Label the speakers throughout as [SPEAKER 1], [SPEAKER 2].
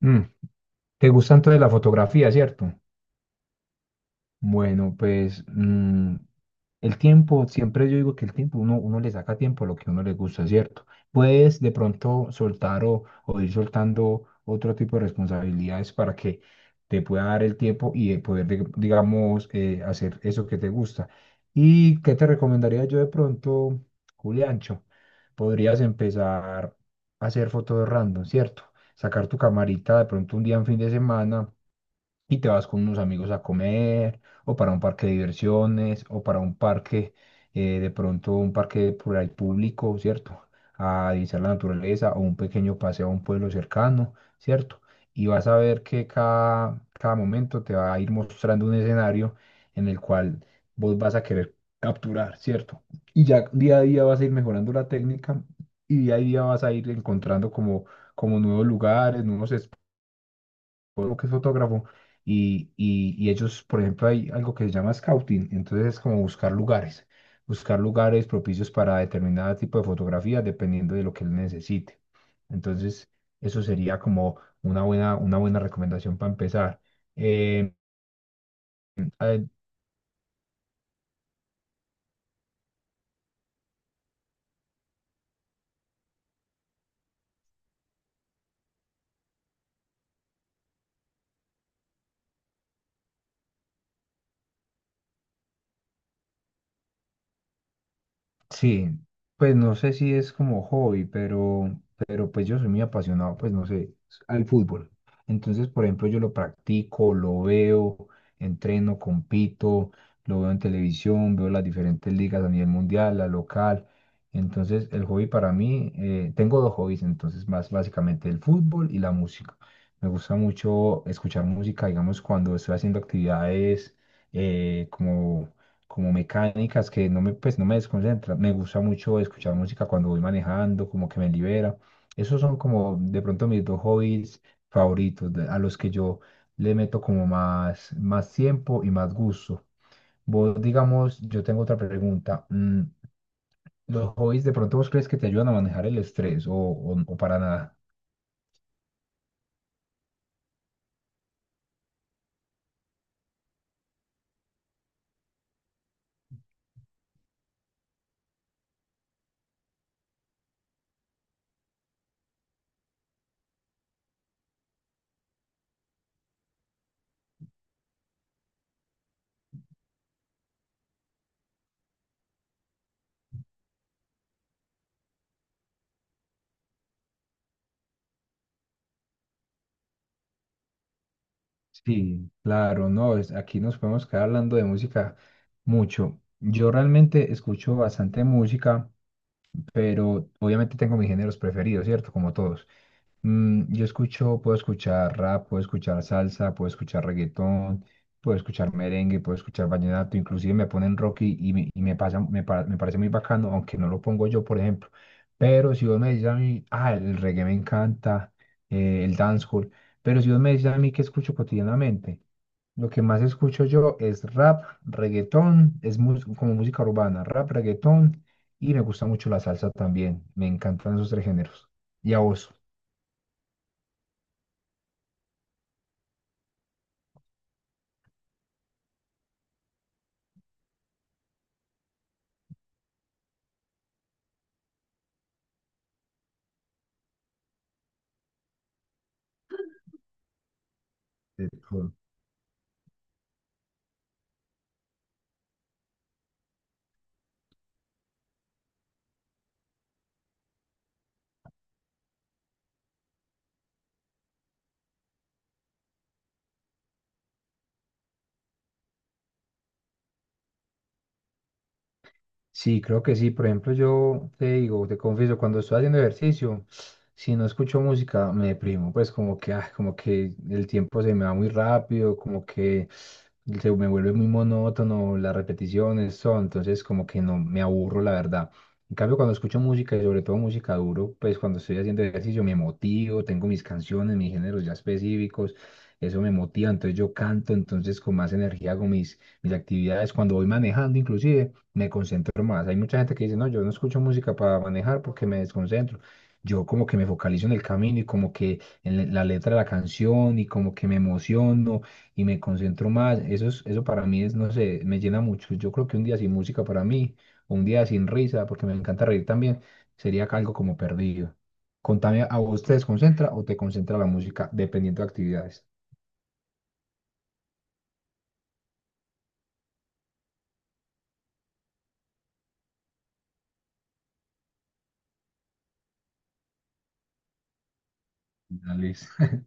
[SPEAKER 1] Mm, ¿te gusta entonces la fotografía, cierto? Bueno, pues el tiempo, siempre yo digo que el tiempo, uno le saca tiempo a lo que a uno le gusta, ¿cierto? Puedes de pronto soltar o ir soltando otro tipo de responsabilidades para que te pueda dar el tiempo y de poder, digamos, hacer eso que te gusta. ¿Y qué te recomendaría yo de pronto, Juliancho? Podrías empezar a hacer fotos random, ¿cierto? Sacar tu camarita de pronto un día en fin de semana y te vas con unos amigos a comer o para un parque de diversiones o para un parque, de pronto un parque por ahí público, ¿cierto? A divisar la naturaleza o un pequeño paseo a un pueblo cercano, ¿cierto? Y vas a ver que cada momento te va a ir mostrando un escenario en el cual vos vas a querer capturar, ¿cierto? Y ya día a día vas a ir mejorando la técnica y día a día vas a ir encontrando como, como nuevos lugares, nuevos o que es fotógrafo, y ellos, por ejemplo, hay algo que se llama scouting, entonces es como buscar lugares propicios para determinado tipo de fotografía, dependiendo de lo que él necesite. Entonces, eso sería como una buena recomendación para empezar. Eh, eh, Sí, pues no sé si es como hobby, pero pues yo soy muy apasionado, pues no sé, al fútbol. Entonces, por ejemplo, yo lo practico, lo veo, entreno, compito, lo veo en televisión, veo las diferentes ligas a nivel mundial, la local. Entonces, el hobby para mí, tengo dos hobbies, entonces más básicamente el fútbol y la música. Me gusta mucho escuchar música, digamos, cuando estoy haciendo actividades como como mecánicas que no me, pues, no me desconcentran. Me gusta mucho escuchar música cuando voy manejando, como que me libera. Esos son como de pronto mis dos hobbies favoritos, a los que yo le meto como más, más tiempo y más gusto. Vos, digamos, yo tengo otra pregunta. ¿Los hobbies de pronto vos crees que te ayudan a manejar el estrés o para nada? Sí, claro, no, es, aquí nos podemos quedar hablando de música mucho. Yo realmente escucho bastante música pero obviamente tengo mis géneros preferidos, ¿cierto? Como todos. Mm, yo escucho, puedo escuchar rap, puedo escuchar salsa, puedo escuchar reggaetón, puedo escuchar merengue, puedo escuchar vallenato, inclusive me ponen rock y me, y me pasa, me parece muy bacano, aunque no lo pongo yo, por ejemplo. Pero si vos me dices a mí, ah, el reggae me encanta, el dancehall, pero si vos me dices a mí que escucho cotidianamente, lo que más escucho yo es rap, reggaetón, como música urbana, rap, reggaetón y me gusta mucho la salsa también. Me encantan esos tres géneros. ¿Y a vos? Sí, creo que sí. Por ejemplo, yo te digo, te confieso, cuando estoy haciendo ejercicio, si no escucho música, me deprimo. Pues como que, ah, como que el tiempo se me va muy rápido, como que se me vuelve muy monótono, las repeticiones son, entonces como que no me aburro, la verdad. En cambio, cuando escucho música y sobre todo música duro, pues cuando estoy haciendo ejercicio me motivo, tengo mis canciones, mis géneros ya específicos, eso me motiva, entonces yo canto, entonces con más energía hago mis, mis actividades, cuando voy manejando inclusive me concentro más. Hay mucha gente que dice, no, yo no escucho música para manejar porque me desconcentro. Yo como que me focalizo en el camino y como que en la letra de la canción y como que me emociono y me concentro más. Eso es, eso para mí es, no sé, me llena mucho. Yo creo que un día sin música para mí, o un día sin risa, porque me encanta reír también, sería algo como perdido. Contame, ¿a vos te desconcentra o te concentra la música dependiendo de actividades? Dale.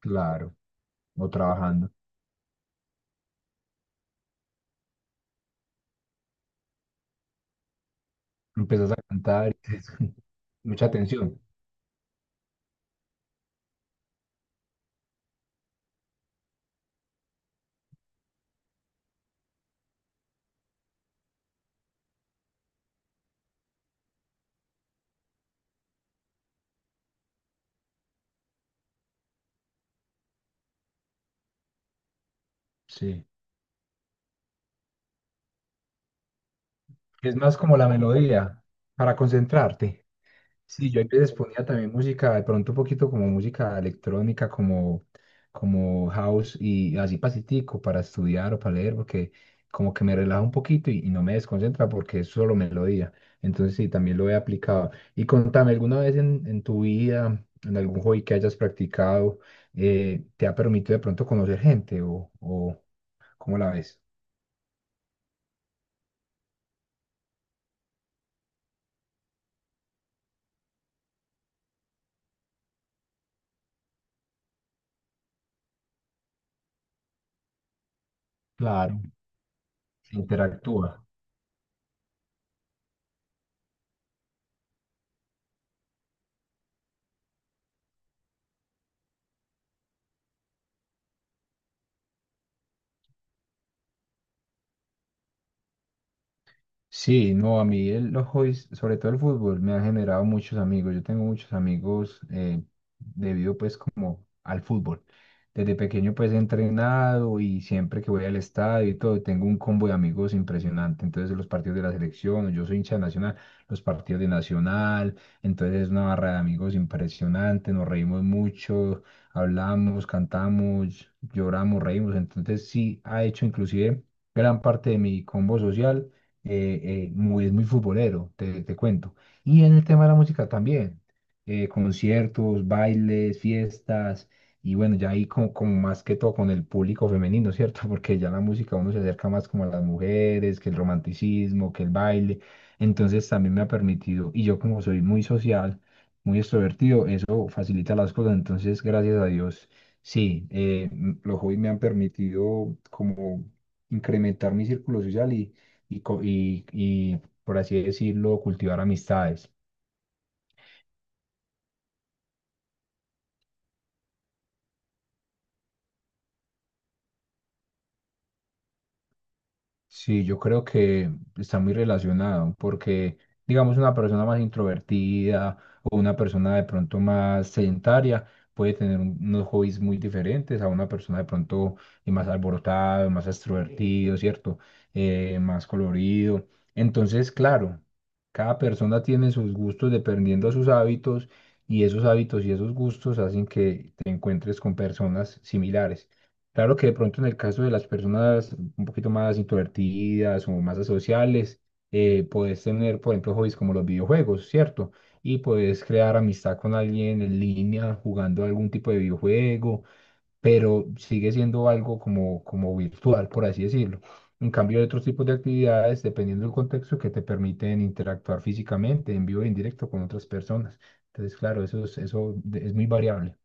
[SPEAKER 1] Claro, o trabajando. Empezás a cantar, mucha atención. Sí. Es más como la melodía para concentrarte. Sí, yo a veces ponía también música, de pronto un poquito como música electrónica, como, como house y así pasitico para estudiar o para leer, porque como que me relaja un poquito y no me desconcentra porque es solo melodía. Entonces sí, también lo he aplicado. Y contame, ¿alguna vez en tu vida, en algún hobby que hayas practicado, te ha permitido de pronto conocer gente o cómo la ves? Claro. Interactúa. Sí, no, a mí el, los hobbies, sobre todo el fútbol, me ha generado muchos amigos. Yo tengo muchos amigos debido pues como al fútbol. Desde pequeño pues he entrenado y siempre que voy al estadio y todo, tengo un combo de amigos impresionante. Entonces los partidos de la selección, yo soy hincha de nacional, los partidos de nacional, entonces es una barra de amigos impresionante, nos reímos mucho, hablamos, cantamos, lloramos, reímos. Entonces sí ha hecho inclusive gran parte de mi combo social eh, muy, es muy futbolero, te cuento. Y en el tema de la música también, conciertos, bailes, fiestas, y bueno, ya ahí como, como más que todo con el público femenino, ¿cierto? Porque ya la música uno se acerca más como a las mujeres, que el romanticismo, que el baile. Entonces también me ha permitido, y yo como soy muy social, muy extrovertido, eso facilita las cosas. Entonces, gracias a Dios, sí, los hobbies me han permitido como incrementar mi círculo social y por así decirlo, cultivar amistades. Sí, yo creo que está muy relacionado porque, digamos, una persona más introvertida o una persona de pronto más sedentaria puede tener unos hobbies muy diferentes a una persona de pronto más alborotada, más extrovertido, ¿cierto? Más colorido. Entonces, claro, cada persona tiene sus gustos dependiendo de sus hábitos y esos gustos hacen que te encuentres con personas similares. Claro que de pronto en el caso de las personas un poquito más introvertidas o más asociales, puedes tener, por ejemplo, hobbies como los videojuegos, ¿cierto? Y puedes crear amistad con alguien en línea jugando algún tipo de videojuego, pero sigue siendo algo como, como virtual, por así decirlo. En cambio, hay otros tipos de actividades, dependiendo del contexto, que te permiten interactuar físicamente, en vivo y en directo con otras personas. Entonces, claro, eso es, es muy variable.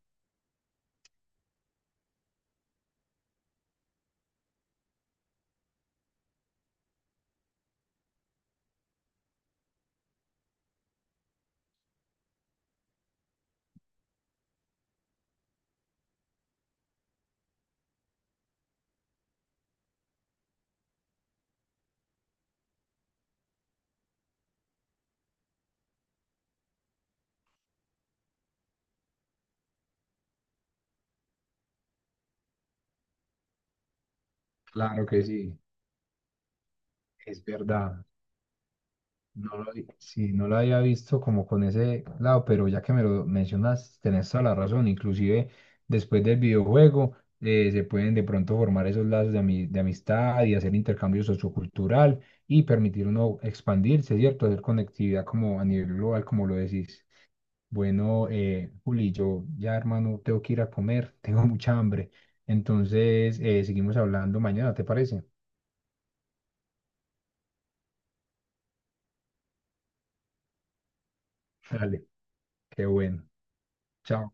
[SPEAKER 1] Claro que sí, es verdad. Sí, no lo había visto como con ese lado, pero ya que me lo mencionas, tenés toda la razón. Inclusive después del videojuego se pueden de pronto formar esos lazos de, de amistad y hacer intercambio sociocultural y permitir uno expandirse, ¿cierto? Hacer conectividad como a nivel global, como lo decís. Bueno, Juli, yo ya hermano tengo que ir a comer, tengo mucha hambre. Entonces, seguimos hablando mañana, ¿te parece? Dale, qué bueno. Chao.